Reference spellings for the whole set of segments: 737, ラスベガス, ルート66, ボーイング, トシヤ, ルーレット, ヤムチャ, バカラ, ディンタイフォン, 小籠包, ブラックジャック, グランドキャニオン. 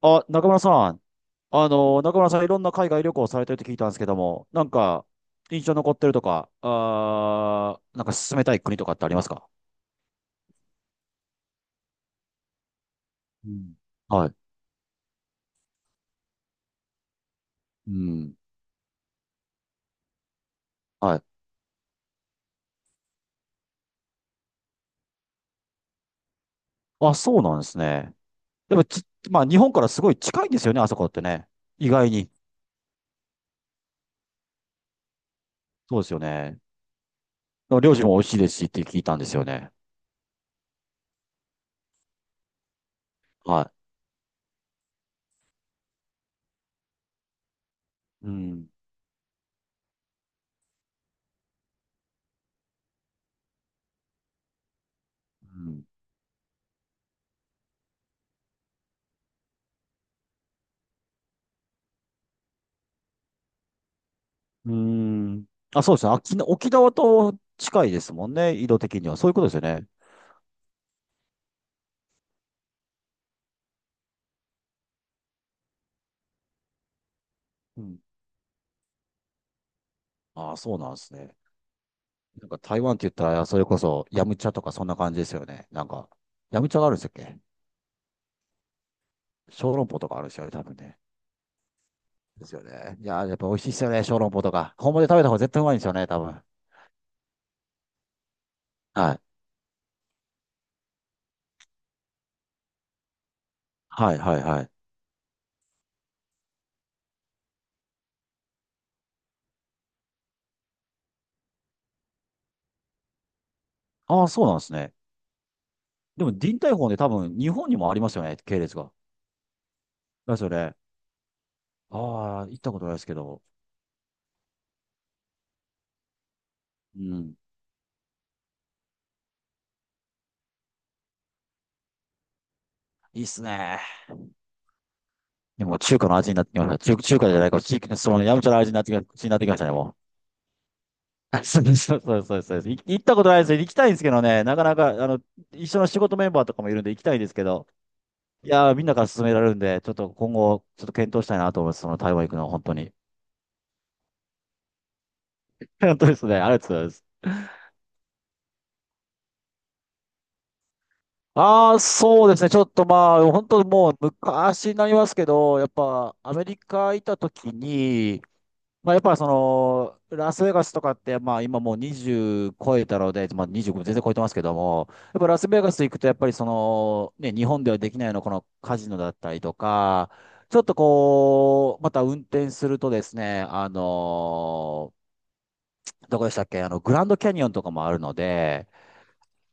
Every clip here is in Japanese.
あ、中村さん。中村さんいろんな海外旅行されてるって聞いたんですけども、印象残ってるとか、なんか進めたい国とかってありますか？うん。はい。うん。はい。あ、そうなんですね。でもち、まあ、日本からすごい近いんですよね、あそこってね。意外に。そうですよね。料理も美味しいですしって聞いたんですよね。はい。うん。うん。うーん。あ、そうですね。沖縄と近いですもんね、緯度的には。そういうことですよね。うん。ああ、そうなんですね。なんか台湾って言ったら、それこそ、ヤムチャとかそんな感じですよね。なんか、ヤムチャがあるんですっけ？小籠包とかあるんですよね、多分ね。ですよね。いやー、やっぱ美味しいですよね、小籠包とか。本場で食べた方が絶対うまいんですよね、多分。はい。はい、はい、はい。ああ、そうなんですね。でも、ディンタイフォンで多分、日本にもありますよね、系列が。ですよね。ああ、行ったことないですけど。うん。いいっすね。でも、中華の味になってきました。中華じゃないか、地域、その、ヤムチャの味になってきま、になってきましたね、もう。あそうそうそうそうそう。行ったことないですよ。行きたいんですけどね、なかなか、一緒の仕事メンバーとかもいるんで行きたいんですけど、いやー、みんなから勧められるんで、ちょっと検討したいなと思います。その台湾行くのは本当に。本当ですね。ありがとうございます。ああ、そうですね。ちょっとまあ、本当もう昔になりますけど、やっぱアメリカ行った時に、まあ、やっぱその、ラスベガスとかって、まあ今もう20超えたので、まあ25全然超えてますけども、やっぱラスベガス行くとやっぱりその、ね、日本ではできないようなこのカジノだったりとか、ちょっとこう、また運転するとですね、どこでしたっけ、あの、グランドキャニオンとかもあるので、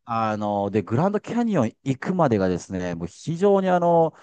で、グランドキャニオン行くまでがですね、もう非常にあの、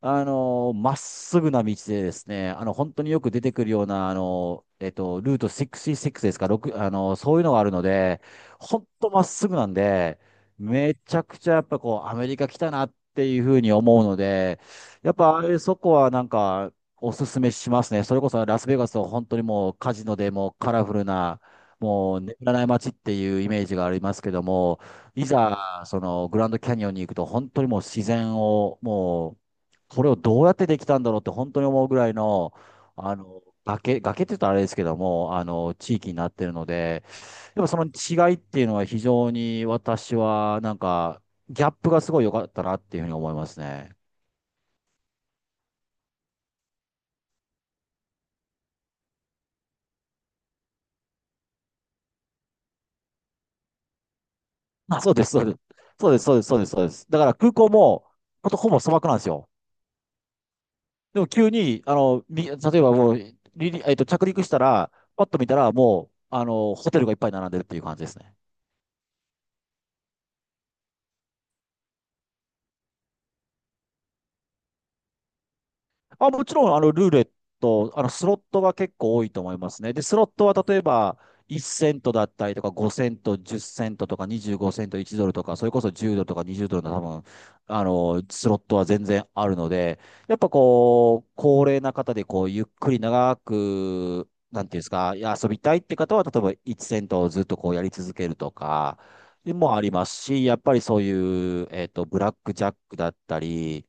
あの、まっすぐな道でですね、あの、本当によく出てくるような、ルート66ですか、6、あの、そういうのがあるので、本当まっすぐなんで、めちゃくちゃやっぱこう、アメリカ来たなっていうふうに思うので、やっぱあれそこはなんか、おすすめしますね。それこそラスベガスは本当にもうカジノでもうカラフルな、もう眠らない街っていうイメージがありますけども、いざ、そのグランドキャニオンに行くと、本当にもう自然をもう、これをどうやってできたんだろうって本当に思うぐらいの、あの、崖って言うとあれですけども、あの、地域になってるので、やっぱその違いっていうのは非常に私はなんか、ギャップがすごい良かったなっていうふうに思いますね。あ、そうです、そうです。そうです、そうです、そうです、そうです。だから空港も、ほんとほぼ砂漠なんですよ。でも急に、あの、み、例えばもう、リリ、えっと、着陸したら、パッと見たらもう、あの、ホテルがいっぱい並んでるっていう感じですね。まあ、もちろん、あの、ルーレット、あの、スロットが結構多いと思いますね。で、スロットは例えば、1セントだったりとか、5セント、10セントとか、25セント、1ドルとか、それこそ10ドルとか20ドルの多分、あの、スロットは全然あるので、やっぱこう、高齢な方で、こう、ゆっくり長く、なんていうんですか、いや遊びたいって方は、例えば1セントをずっとこうやり続けるとか、もありますし、やっぱりそういう、えっと、ブラックジャックだったり、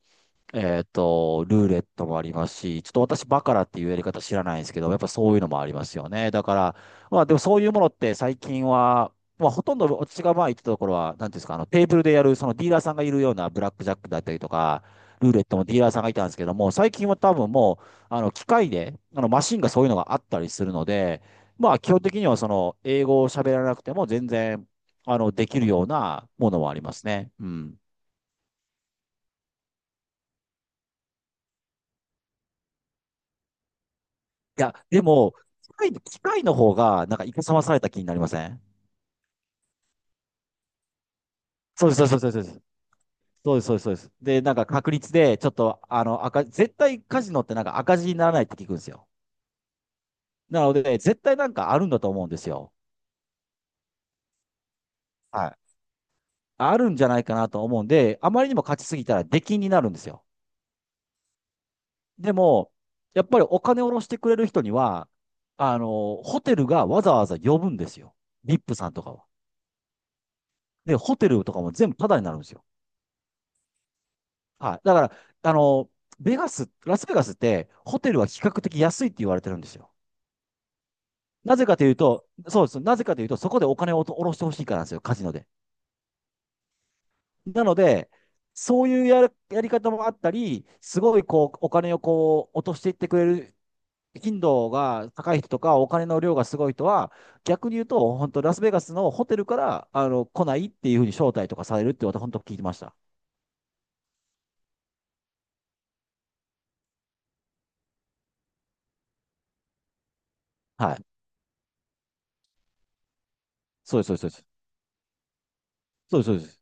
えっと、ルーレットもありますし、ちょっと私バカラっていうやり方知らないんですけど、やっぱそういうのもありますよね。だから、まあでもそういうものって最近は、まあほとんど私がまあ言ってたところは、なんていうんですか、あのテーブルでやるそのディーラーさんがいるようなブラックジャックだったりとか、ルーレットもディーラーさんがいたんですけども、最近は多分もう、あの機械で、あのマシンがそういうのがあったりするので、まあ基本的にはその英語を喋らなくても全然、あのできるようなものもありますね。うん。いや、でも、機械の方が、なんか、いかさまされた気になりません？そうです、そうです、そうです。そうです、そうです、そうです。で、なんか、確率で、ちょっと、あの、赤、絶対カジノってなんか赤字にならないって聞くんですよ。なので、絶対なんかあるんだと思うんですよ。はい。あるんじゃないかなと思うんで、あまりにも勝ちすぎたら出禁になるんですよ。でも、やっぱりお金を下ろしてくれる人には、あの、ホテルがわざわざ呼ぶんですよ。VIP さんとかは。で、ホテルとかも全部タダになるんですよ。はい。だから、あの、ベガス、ラスベガスって、ホテルは比較的安いって言われてるんですよ。なぜかというと、そうです。なぜかというと、そこでお金を下ろしてほしいからなんですよ、カジノで。なので、そういうやる、やり方もあったり、すごいこう、お金をこう、落としていってくれる頻度が高い人とか、お金の量がすごい人は、逆に言うと、本当ラスベガスのホテルから、あの、来ないっていうふうに招待とかされるって私、本当聞いてました。はい。そうです、そうです、そうです。そうです、そうです。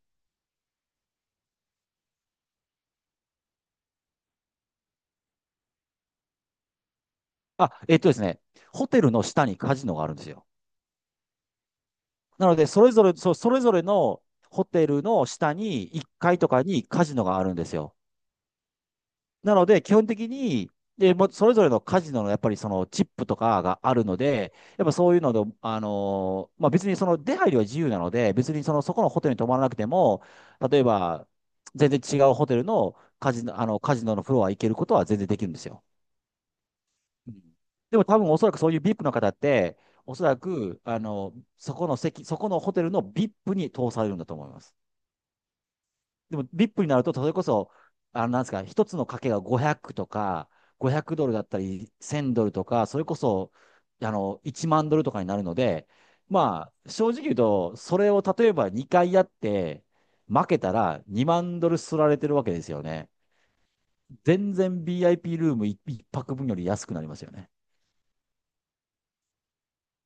あ、えっとですね、ホテルの下にカジノがあるんですよ。なので、それぞれのホテルの下に1階とかにカジノがあるんですよ。なので、基本的に、で、もうそれぞれのカジノのやっぱりそのチップとかがあるので、やっぱそういうので、あのーまあ、別にその出入りは自由なので、別にそのそこのホテルに泊まらなくても、例えば全然違うホテルのカジノ、あのカジノのフロア行けることは全然できるんですよ。うん。でも多分おそらくそういうビップの方って、おそらく、そこのホテルのビップに通されるんだと思います。でも VIP になると、それこそ、あの、なんですか、一つの賭けが500とか、500ドルだったり、1000ドルとか、それこそ、1万ドルとかになるので、まあ、正直言うと、それを例えば2回やって、負けたら2万ドルすられてるわけですよね。全然 BIP ルーム1、一泊分より安くなりますよね。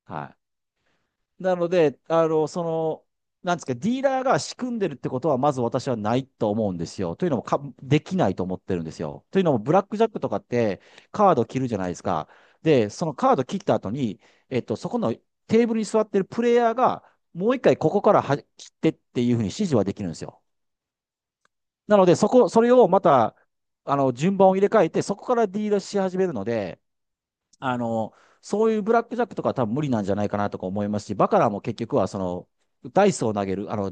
はい。なので、あの、その、なんですか、ディーラーが仕組んでるってことは、まず私はないと思うんですよ。というのもか、できないと思ってるんですよ。というのも、ブラックジャックとかって、カード切るじゃないですか。で、そのカード切った後に、そこのテーブルに座ってるプレイヤーが、もう一回ここからは切ってっていうふうに指示はできるんですよ。なので、それをまた、順番を入れ替えて、そこからディーラーし始めるので、あの、そういうブラックジャックとかは多分無理なんじゃないかなとか思いますし、バカラも結局はその、ダイスを投げる、あの、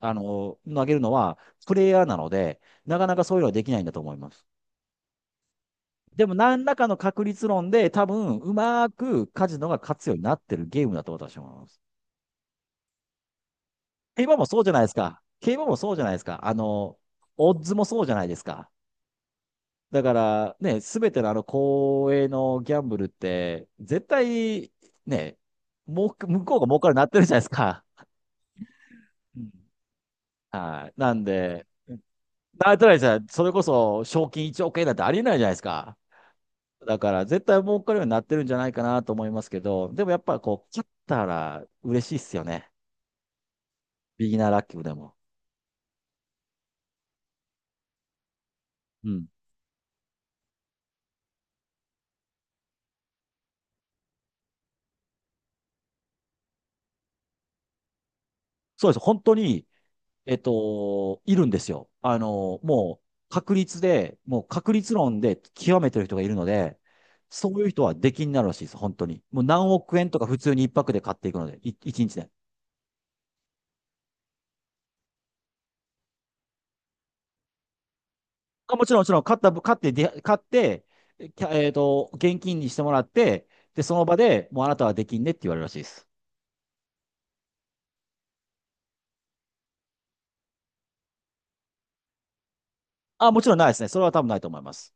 あの、投げるのはプレイヤーなので、なかなかそういうのはできないんだと思います。でも何らかの確率論で多分うまくカジノが勝つようになってるゲームだと私は思います。競馬もそうじゃないですか。競馬もそうじゃないですか。オッズもそうじゃないですか。だからね、すべてのあの公営のギャンブルって、絶対ね、もう、向こうが儲かるようになってるじゃないですか。うん。はい。なんで、なってないじゃそれこそ賞金1億円なんてありえないじゃないですか。だから絶対儲かるようになってるんじゃないかなと思いますけど、でもやっぱこう、勝ったら嬉しいっすよね。ビギナーラッキーでも。うん。そうです。本当にいるんですよ。もう確率論で極めてる人がいるので、そういう人は出禁になるらしいです、本当に。もう何億円とか普通に一泊で買っていくので、一日で。あ、もちろん、もちろん、買った、買って、で買って、えキャえっと、現金にしてもらって、で、その場でもうあなたは出禁ねって言われるらしいです。あ、もちろんないですね。それは多分ないと思います。